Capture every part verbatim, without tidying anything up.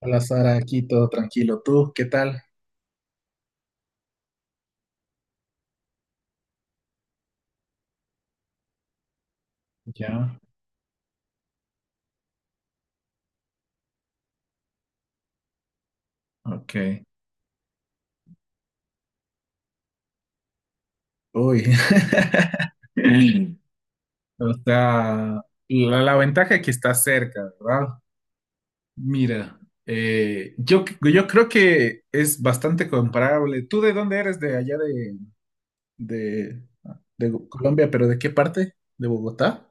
Hola Sara, aquí todo tranquilo. ¿Tú qué tal? Ya, ok. Uy. O sea, la, la ventaja es que está cerca, ¿verdad? Mira, eh, yo, yo creo que es bastante comparable. ¿Tú de dónde eres? De allá de, de, de Colombia, pero ¿de qué parte? ¿De Bogotá?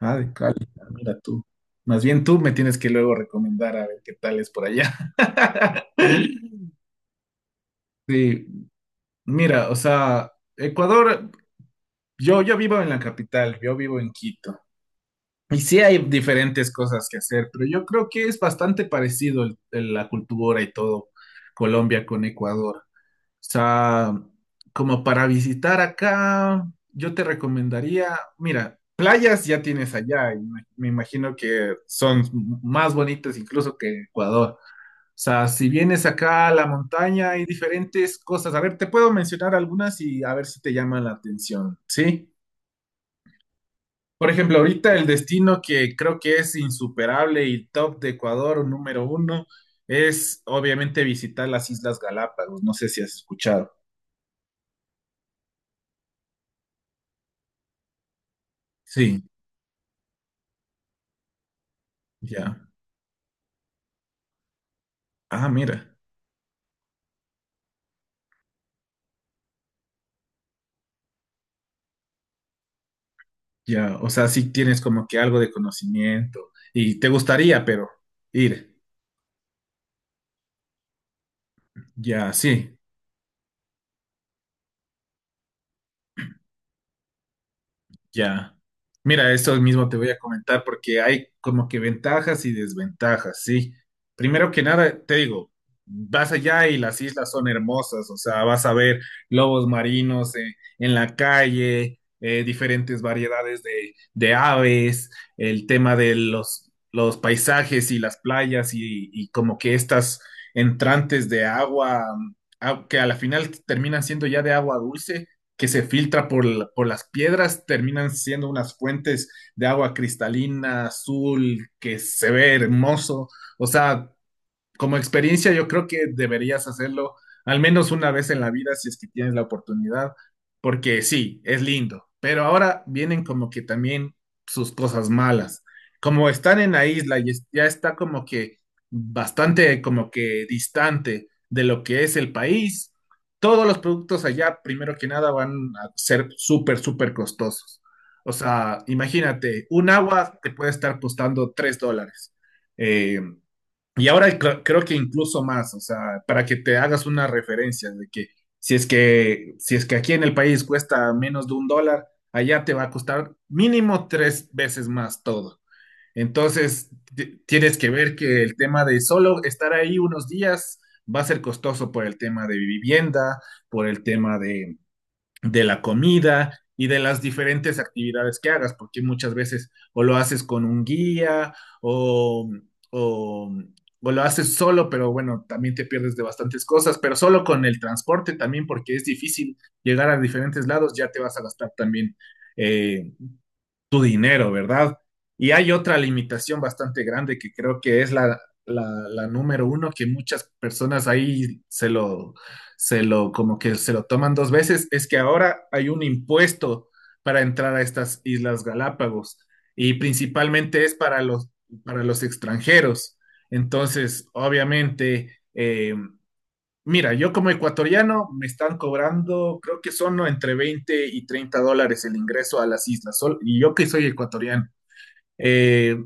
Ah, de Cali. Ah, mira tú. Más bien tú me tienes que luego recomendar a ver qué tal es por allá. Sí, mira, o sea, Ecuador, yo, yo vivo en la capital, yo vivo en Quito. Y sí hay diferentes cosas que hacer, pero yo creo que es bastante parecido el- el- la cultura y todo Colombia con Ecuador. O sea, como para visitar acá, yo te recomendaría, mira, playas ya tienes allá, y me me imagino que son más bonitas incluso que Ecuador sea, si vienes acá a la montaña hay diferentes cosas. A ver, te puedo mencionar algunas y a ver si te llama la atención, ¿sí? Por ejemplo, ahorita el destino que creo que es insuperable y top de Ecuador, número uno, es obviamente visitar las Islas Galápagos. No sé si has escuchado. Sí, ya. Ah, mira, ya. O sea, sí tienes como que algo de conocimiento y te gustaría, pero ir. Ya, sí. Ya. Mira, esto mismo te voy a comentar porque hay como que ventajas y desventajas, ¿sí? Primero que nada, te digo, vas allá y las islas son hermosas, o sea, vas a ver lobos marinos eh, en la calle, eh, diferentes variedades de, de aves, el tema de los, los paisajes y las playas y, y como que estas entrantes de agua, mm, au- que a la final terminan siendo ya de agua dulce que se filtra por, la- por las piedras, terminan siendo unas fuentes de agua cristalina, azul, que se ve hermoso. O sea, como experiencia, yo creo que deberías hacerlo al menos una vez en la vida si es que tienes la oportunidad, porque sí, es lindo, pero ahora vienen como que también sus cosas malas. Como están en la isla y es- ya está como que bastante como que distante de lo que es el país, todos los productos allá, primero que nada, van a ser súper, súper costosos. O sea, imagínate, un agua te puede estar costando tres dólares eh, y ahora cre- creo que incluso más, o sea, para que te hagas una referencia de que si es que, si es que aquí en el país cuesta menos de un dólar, allá te va a costar mínimo tres veces más todo. Entonces, ti- tienes que ver que el tema de solo estar ahí unos días va a ser costoso por el tema de vivienda, por el tema de de la comida y de las diferentes actividades que hagas, porque muchas veces o lo haces con un guía o, o, o lo haces solo, pero bueno, también te pierdes de bastantes cosas, pero solo con el transporte también, porque es difícil llegar a diferentes lados, ya te vas a gastar también eh, tu dinero, ¿verdad? Y hay otra limitación bastante grande que creo que es la, la, la número uno, que muchas personas ahí se lo, se lo, como que se lo toman dos veces, es que ahora hay un impuesto para entrar a estas Islas Galápagos y principalmente es para los, para los extranjeros. Entonces, obviamente, eh, mira, yo como ecuatoriano me están cobrando, creo que son entre veinte y treinta dólares el ingreso a las islas, sol- y yo que soy ecuatoriano. Eh,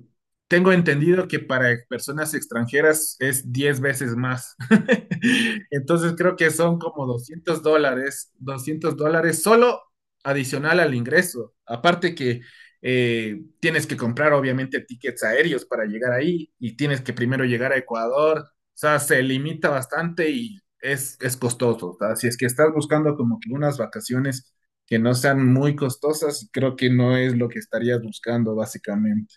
tengo entendido que para personas extranjeras es diez veces más. Entonces creo que son como doscientos dólares, doscientos dólares solo adicional al ingreso. Aparte que eh, tienes que comprar obviamente tickets aéreos para llegar ahí y tienes que primero llegar a Ecuador. O sea, se limita bastante y es, es costoso. O sea, si es que estás buscando como que unas vacaciones que no sean muy costosas, creo que no es lo que estarías buscando básicamente.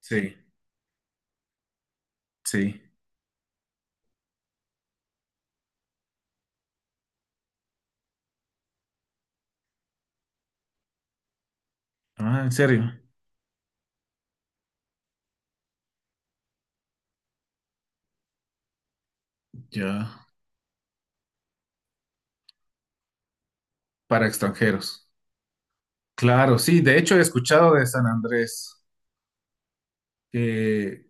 Sí, sí. Ah, ¿en serio? Ya. Para extranjeros. Claro, sí. De hecho, he escuchado de San Andrés que,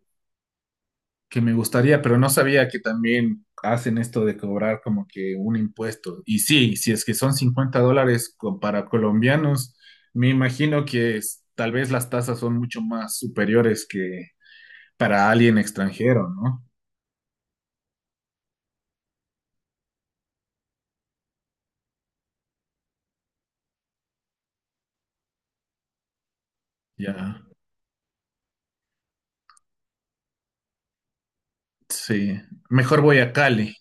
que me gustaría, pero no sabía que también hacen esto de cobrar como que un impuesto. Y sí, si es que son cincuenta dólares co- para colombianos, me imagino que es- tal vez las tasas son mucho más superiores que para alguien extranjero, ¿no? Ya. Sí. Mejor voy a Cali.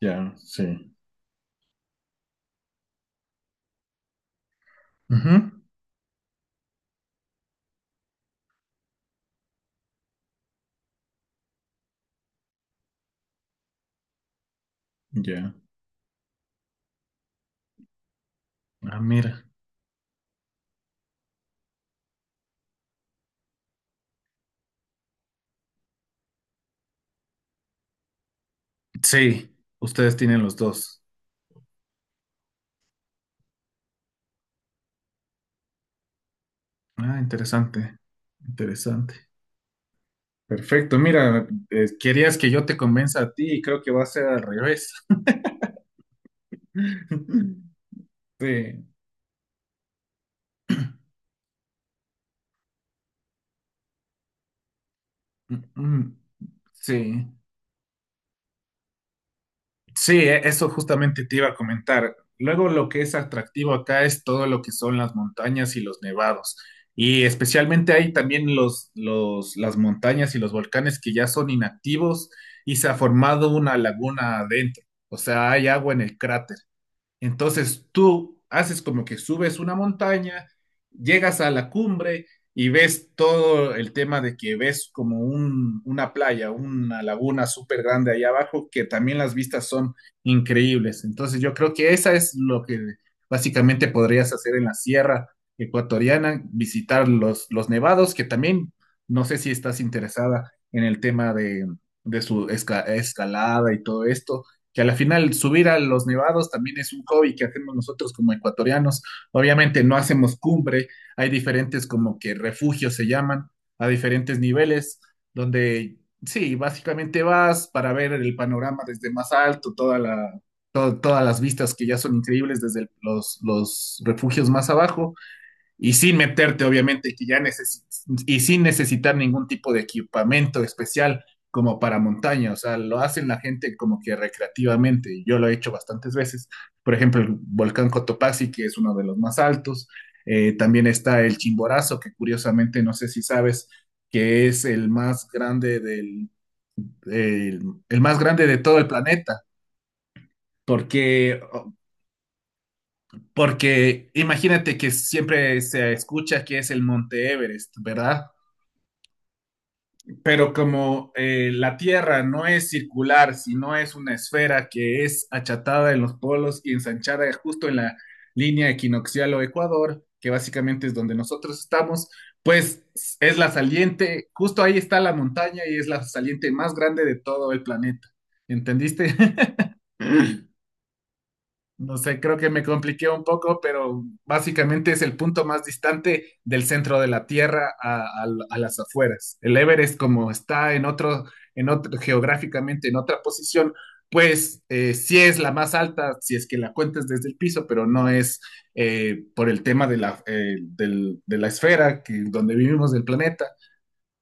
Ya, sí. Ujú. Ya. Ah, mira. Sí, ustedes tienen los dos. Ah, interesante, interesante. Perfecto, mira, eh, querías que yo te convenza a ti y creo que va a ser al revés. Sí. Mm, mm, sí. Sí, e- eso justamente te iba a comentar. Luego lo que es atractivo acá es todo lo que son las montañas y los nevados. Y especialmente hay también los, los, las montañas y los volcanes que ya son inactivos y se ha formado una laguna adentro. O sea, hay agua en el cráter. Entonces tú haces como que subes una montaña, llegas a la cumbre y ves todo el tema de que ves como un- una playa, una laguna súper grande ahí abajo, que también las vistas son increíbles. Entonces yo creo que esa es lo que básicamente podrías hacer en la sierra ecuatoriana, visitar los, los nevados, que también no sé si estás interesada en el tema de, de su esca- escalada y todo esto que a la final subir a los nevados también es un hobby que hacemos nosotros como ecuatorianos. Obviamente no hacemos cumbre, hay diferentes como que refugios se llaman, a diferentes niveles, donde sí, básicamente vas para ver el panorama desde más alto, toda la, to- todas las vistas que ya son increíbles desde el- los, los refugios más abajo, y sin meterte, obviamente, que ya necesitas, y sin necesitar ningún tipo de equipamiento especial como para montaña, o sea, lo hacen la gente como que recreativamente, y yo lo he hecho bastantes veces, por ejemplo, el volcán Cotopaxi, que es uno de los más altos, eh, también está el Chimborazo, que curiosamente, no sé si sabes, que es el más grande del, el, el más grande de todo el planeta, porque, porque imagínate que siempre se escucha que es el Monte Everest, ¿verdad? Pero como eh, la Tierra no es circular, sino es una esfera que es achatada en los polos y ensanchada justo en la línea equinoccial o ecuador, que básicamente es donde nosotros estamos, pues es la saliente, justo ahí está la montaña y es la saliente más grande de todo el planeta. ¿Entendiste? No sé, creo que me compliqué un poco, pero básicamente es el punto más distante del centro de la Tierra a, a- a las afueras. El Everest, como está en otro, en otro, geográficamente en otra posición, pues eh, sí es la más alta, si es que la cuentas desde el piso, pero no es eh, por el tema de la, eh, del- de la esfera que, donde vivimos del planeta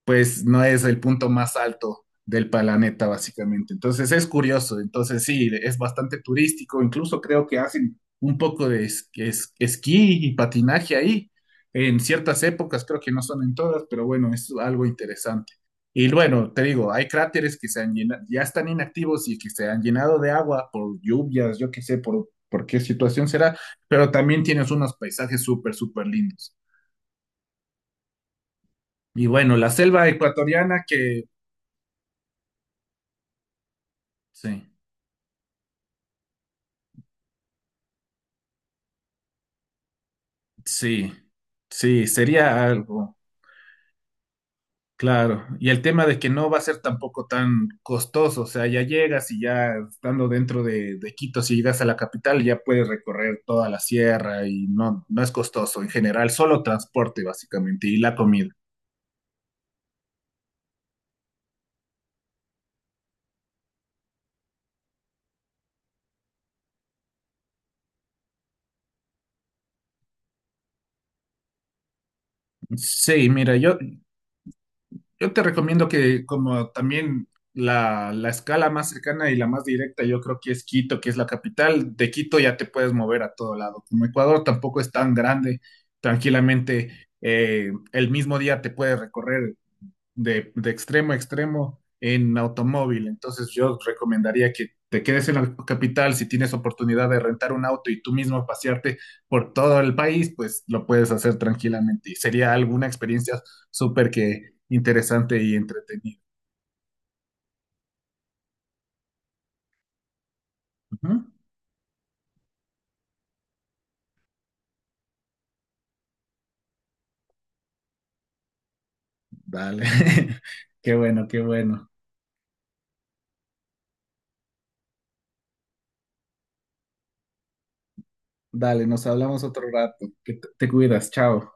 pues no es el punto más alto del planeta, básicamente. Entonces es curioso, entonces sí, es bastante turístico, incluso creo que hacen un poco de es- es- esquí y patinaje ahí, en ciertas épocas, creo que no son en todas, pero bueno, es algo interesante. Y bueno, te digo, hay cráteres que se han llenado, ya están inactivos y que se han llenado de agua por lluvias, yo qué sé, por, por qué situación será, pero también tienes unos paisajes súper, súper lindos. Y bueno, la selva ecuatoriana que... Sí. Sí, sí, sería algo, claro. Y el tema de que no va a ser tampoco tan costoso, o sea, ya llegas y ya estando dentro de, de Quito, si llegas a la capital, ya puedes recorrer toda la sierra y no, no es costoso en general, solo transporte básicamente y la comida. Sí, mira, yo, yo te recomiendo que como también la, la escala más cercana y la más directa, yo creo que es Quito, que es la capital. De Quito ya te puedes mover a todo lado. Como Ecuador tampoco es tan grande, tranquilamente eh, el mismo día te puedes recorrer de, de extremo a extremo en automóvil. Entonces yo recomendaría que te quedes en la capital si tienes oportunidad de rentar un auto y tú mismo pasearte por todo el país, pues lo puedes hacer tranquilamente y sería alguna experiencia súper que interesante y entretenida. Ujú. Dale, qué bueno, qué bueno. Dale, nos hablamos otro rato. Que te te cuidas, chao.